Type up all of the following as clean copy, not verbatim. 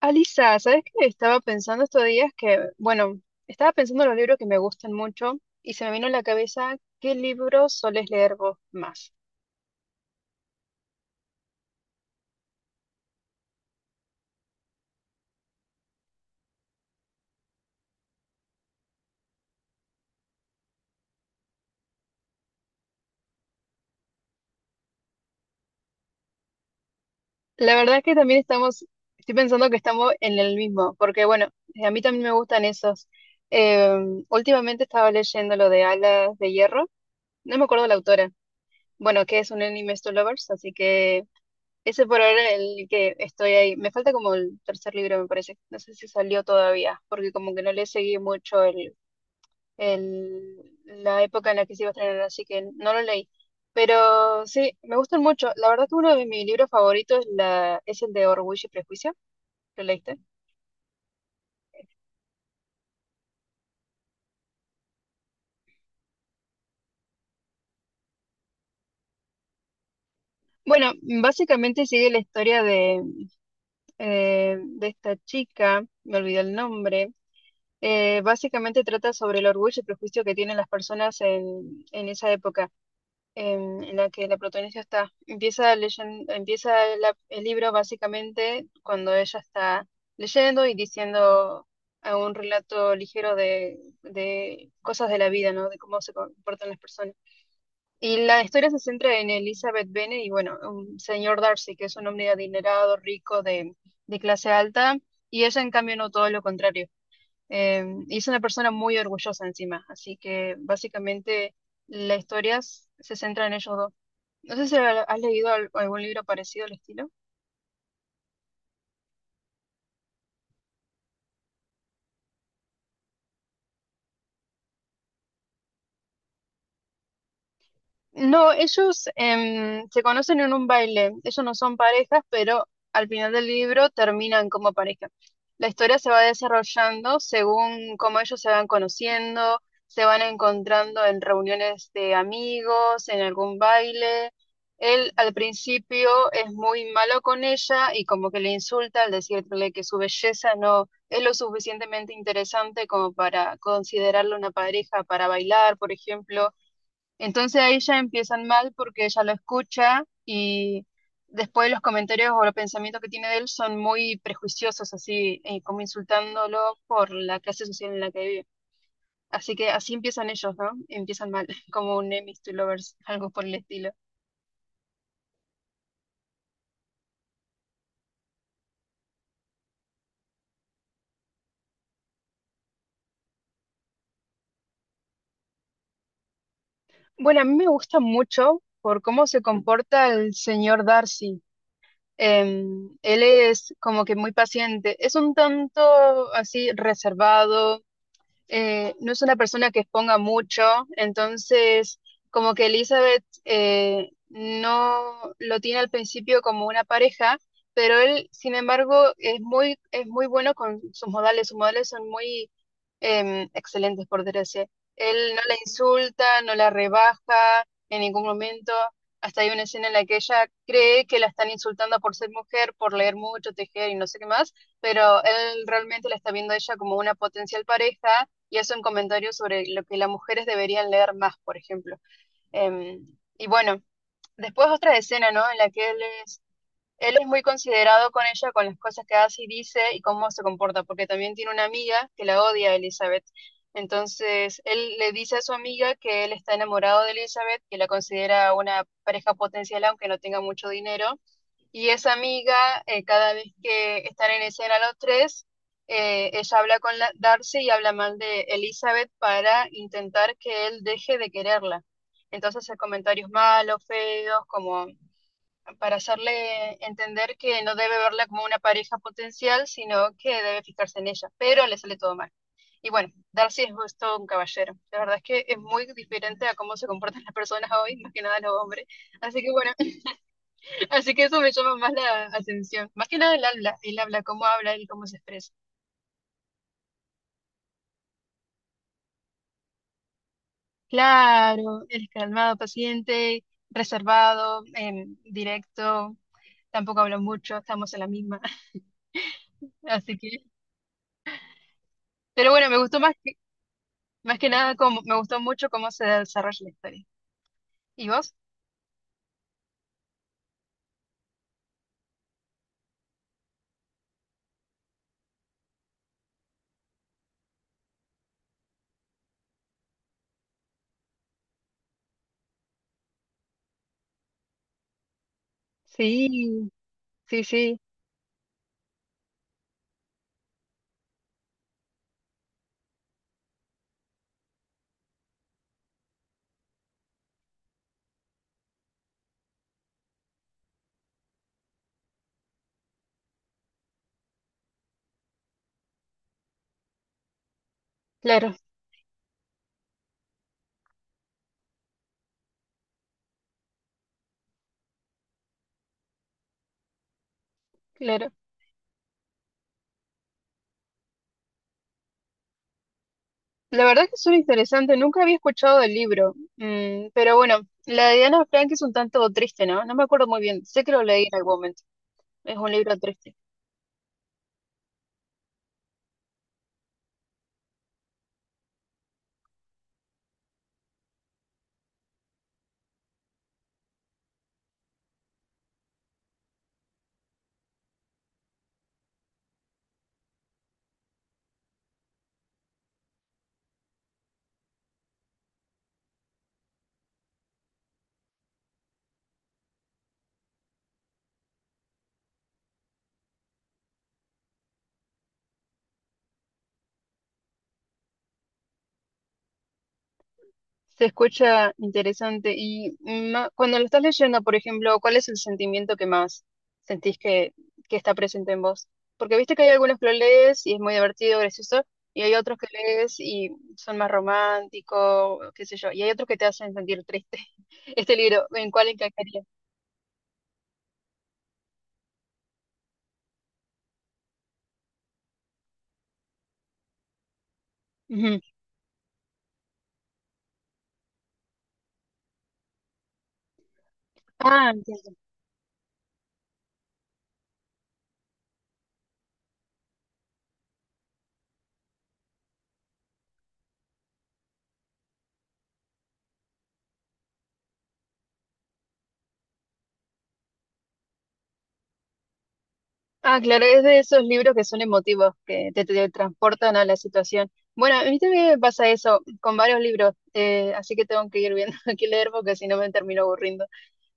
Alisa, ¿sabes qué? Estaba pensando estos días que, bueno, estaba pensando en los libros que me gustan mucho y se me vino a la cabeza qué libros soles leer vos más. La verdad es que también estoy pensando que estamos en el mismo, porque bueno, a mí también me gustan esos. Eh, Últimamente estaba leyendo lo de Alas de Hierro, no me acuerdo la autora, bueno, que es un anime to lovers, así que ese por ahora es el que estoy ahí. Me falta como el tercer libro, me parece. No sé si salió todavía, porque como que no le seguí mucho la época en la que se iba a estrenar, así que no lo leí. Pero sí, me gustan mucho. La verdad que uno de mis libros favoritos es el de Orgullo y Prejuicio. ¿Lo leíste? Bueno, básicamente sigue la historia de esta chica, me olvidé el nombre. Básicamente trata sobre el orgullo y prejuicio que tienen las personas en esa época. En la que la protagonista está. Empieza el libro básicamente cuando ella está leyendo y diciendo a un relato ligero de cosas de la vida, ¿no? De cómo se comportan las personas. Y la historia se centra en Elizabeth Bennet y, bueno, un señor Darcy, que es un hombre adinerado, rico, de clase alta, y ella, en cambio, no todo lo contrario. Y es una persona muy orgullosa encima, así que básicamente la historia se centra en ellos dos. No sé si has leído algún libro parecido al estilo. No, ellos se conocen en un baile. Ellos no son parejas, pero al final del libro terminan como pareja. La historia se va desarrollando según cómo ellos se van conociendo, se van encontrando en reuniones de amigos, en algún baile. Él al principio es muy malo con ella y como que le insulta al decirle que su belleza no es lo suficientemente interesante como para considerarla una pareja para bailar, por ejemplo, entonces ahí ya empiezan mal porque ella lo escucha y después los comentarios o los pensamientos que tiene de él son muy prejuiciosos, así como insultándolo por la clase social en la que vive. Así que así empiezan ellos, ¿no? Empiezan mal, como un enemies to lovers, algo por el estilo. Bueno, a mí me gusta mucho por cómo se comporta el señor Darcy. Él es como que muy paciente, es un tanto así reservado, no es una persona que exponga mucho, entonces como que Elizabeth no lo tiene al principio como una pareja, pero él, sin embargo, es muy bueno con sus modales son muy excelentes, por decirse. Él no la insulta, no la rebaja en ningún momento. Hasta hay una escena en la que ella cree que la están insultando por ser mujer, por leer mucho, tejer y no sé qué más, pero él realmente la está viendo a ella como una potencial pareja y hace un comentario sobre lo que las mujeres deberían leer más, por ejemplo. Eh, y bueno, después otra escena, ¿no? En la que es, él es muy considerado con ella, con las cosas que hace y dice y cómo se comporta, porque también tiene una amiga que la odia a Elizabeth. Entonces, él le dice a su amiga que él está enamorado de Elizabeth, que la considera una pareja potencial aunque no tenga mucho dinero, y esa amiga, cada vez que están en escena los tres, ella habla con Darcy y habla mal de Elizabeth para intentar que él deje de quererla. Entonces hace comentarios malos, feos, como para hacerle entender que no debe verla como una pareja potencial, sino que debe fijarse en ella, pero le sale todo mal. Y bueno, Darcy es todo un caballero. La verdad es que es muy diferente a cómo se comportan las personas hoy, más que nada los hombres. Así que bueno. Así que eso me llama más la atención. Más que nada el habla, cómo habla y cómo se expresa. Claro, es calmado, paciente, reservado, directo, tampoco habla mucho, estamos en la misma. Así que, pero bueno, me gustó más que nada como me gustó mucho cómo se desarrolla la historia. ¿Y vos? Sí, sí, sí, claro, claro. La verdad que suena interesante, nunca había escuchado el libro, Mm, pero bueno, la de Ana Frank es un tanto triste, ¿no? No me acuerdo muy bien, sé que lo leí en algún momento. Es un libro triste. Se escucha interesante. Y cuando lo estás leyendo, por ejemplo, ¿cuál es el sentimiento que más sentís que, que está presente en vos? Porque viste que hay algunos que lo lees y es muy divertido, gracioso, y hay otros que lees y son más románticos, qué sé yo, y hay otros que te hacen sentir triste. Este libro, ¿en cuál encajaría? Ujú. Ah, entiendo. Ah, claro, es de esos libros que son emotivos, te transportan a la situación. Bueno, a mí también me pasa eso con varios libros, así que tengo que ir viendo qué leer porque si no me termino aburriendo.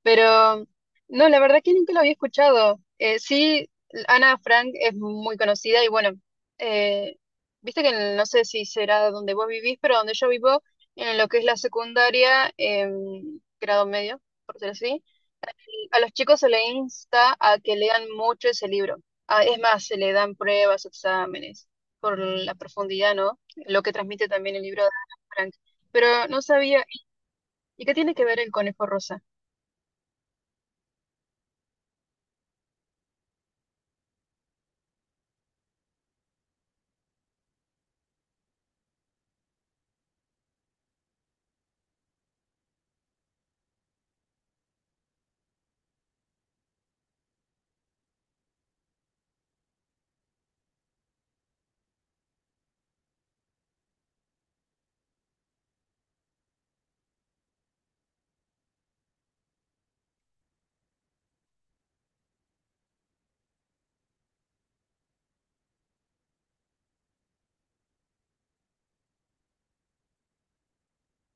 Pero no, la verdad que nunca lo había escuchado. Sí, Ana Frank es muy conocida y bueno, eh, viste que no sé si será donde vos vivís, pero donde yo vivo, en lo que es la secundaria, grado medio, por decir así, a los chicos se les insta a que lean mucho ese libro. Ah, es más, se le dan pruebas, exámenes, por la profundidad, ¿no? Lo que transmite también el libro de Ana Frank. Pero no sabía, ¿y qué tiene que ver el conejo rosa?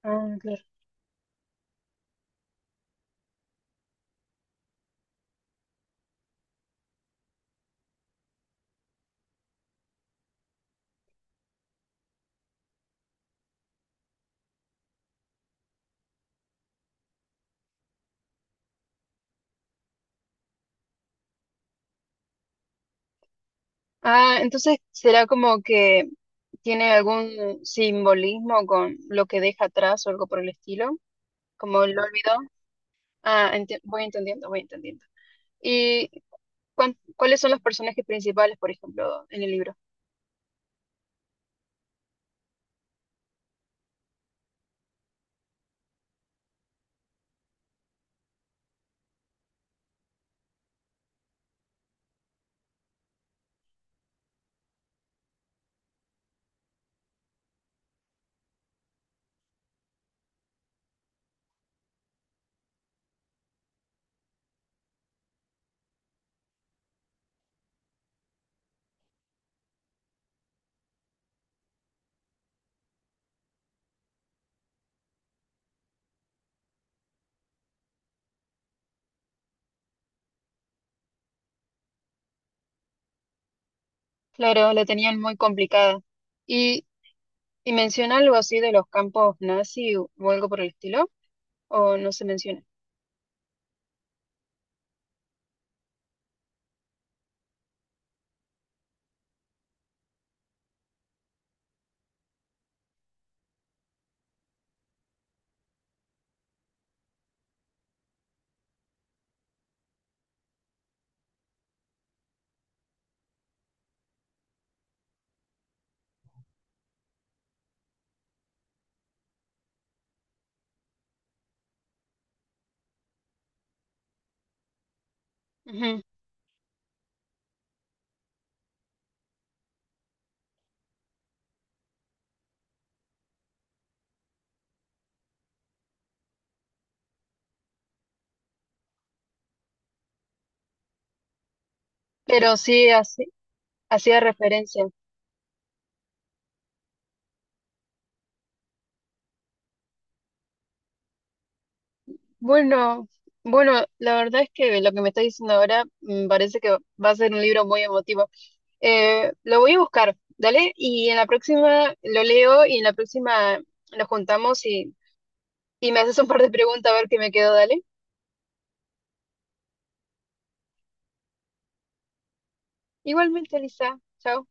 Ah, ah, entonces será como que tiene algún simbolismo con lo que deja atrás o algo por el estilo, como lo olvidó. Ah, voy entendiendo, voy entendiendo. ¿Y cuáles son los personajes principales, por ejemplo, en el libro? Claro, la tenían muy complicada. ¿Y, y menciona algo así de los campos nazi o algo por el estilo? ¿O no se menciona? Ujú. Pero hacía referencia. Bueno, bueno, la verdad es que lo que me estás diciendo ahora, mm, parece que va a ser un libro muy emotivo. Lo voy a buscar, dale, y en la próxima lo leo y en la próxima nos juntamos y me haces un par de preguntas a ver qué me quedo, dale. Igualmente, Lisa, chao.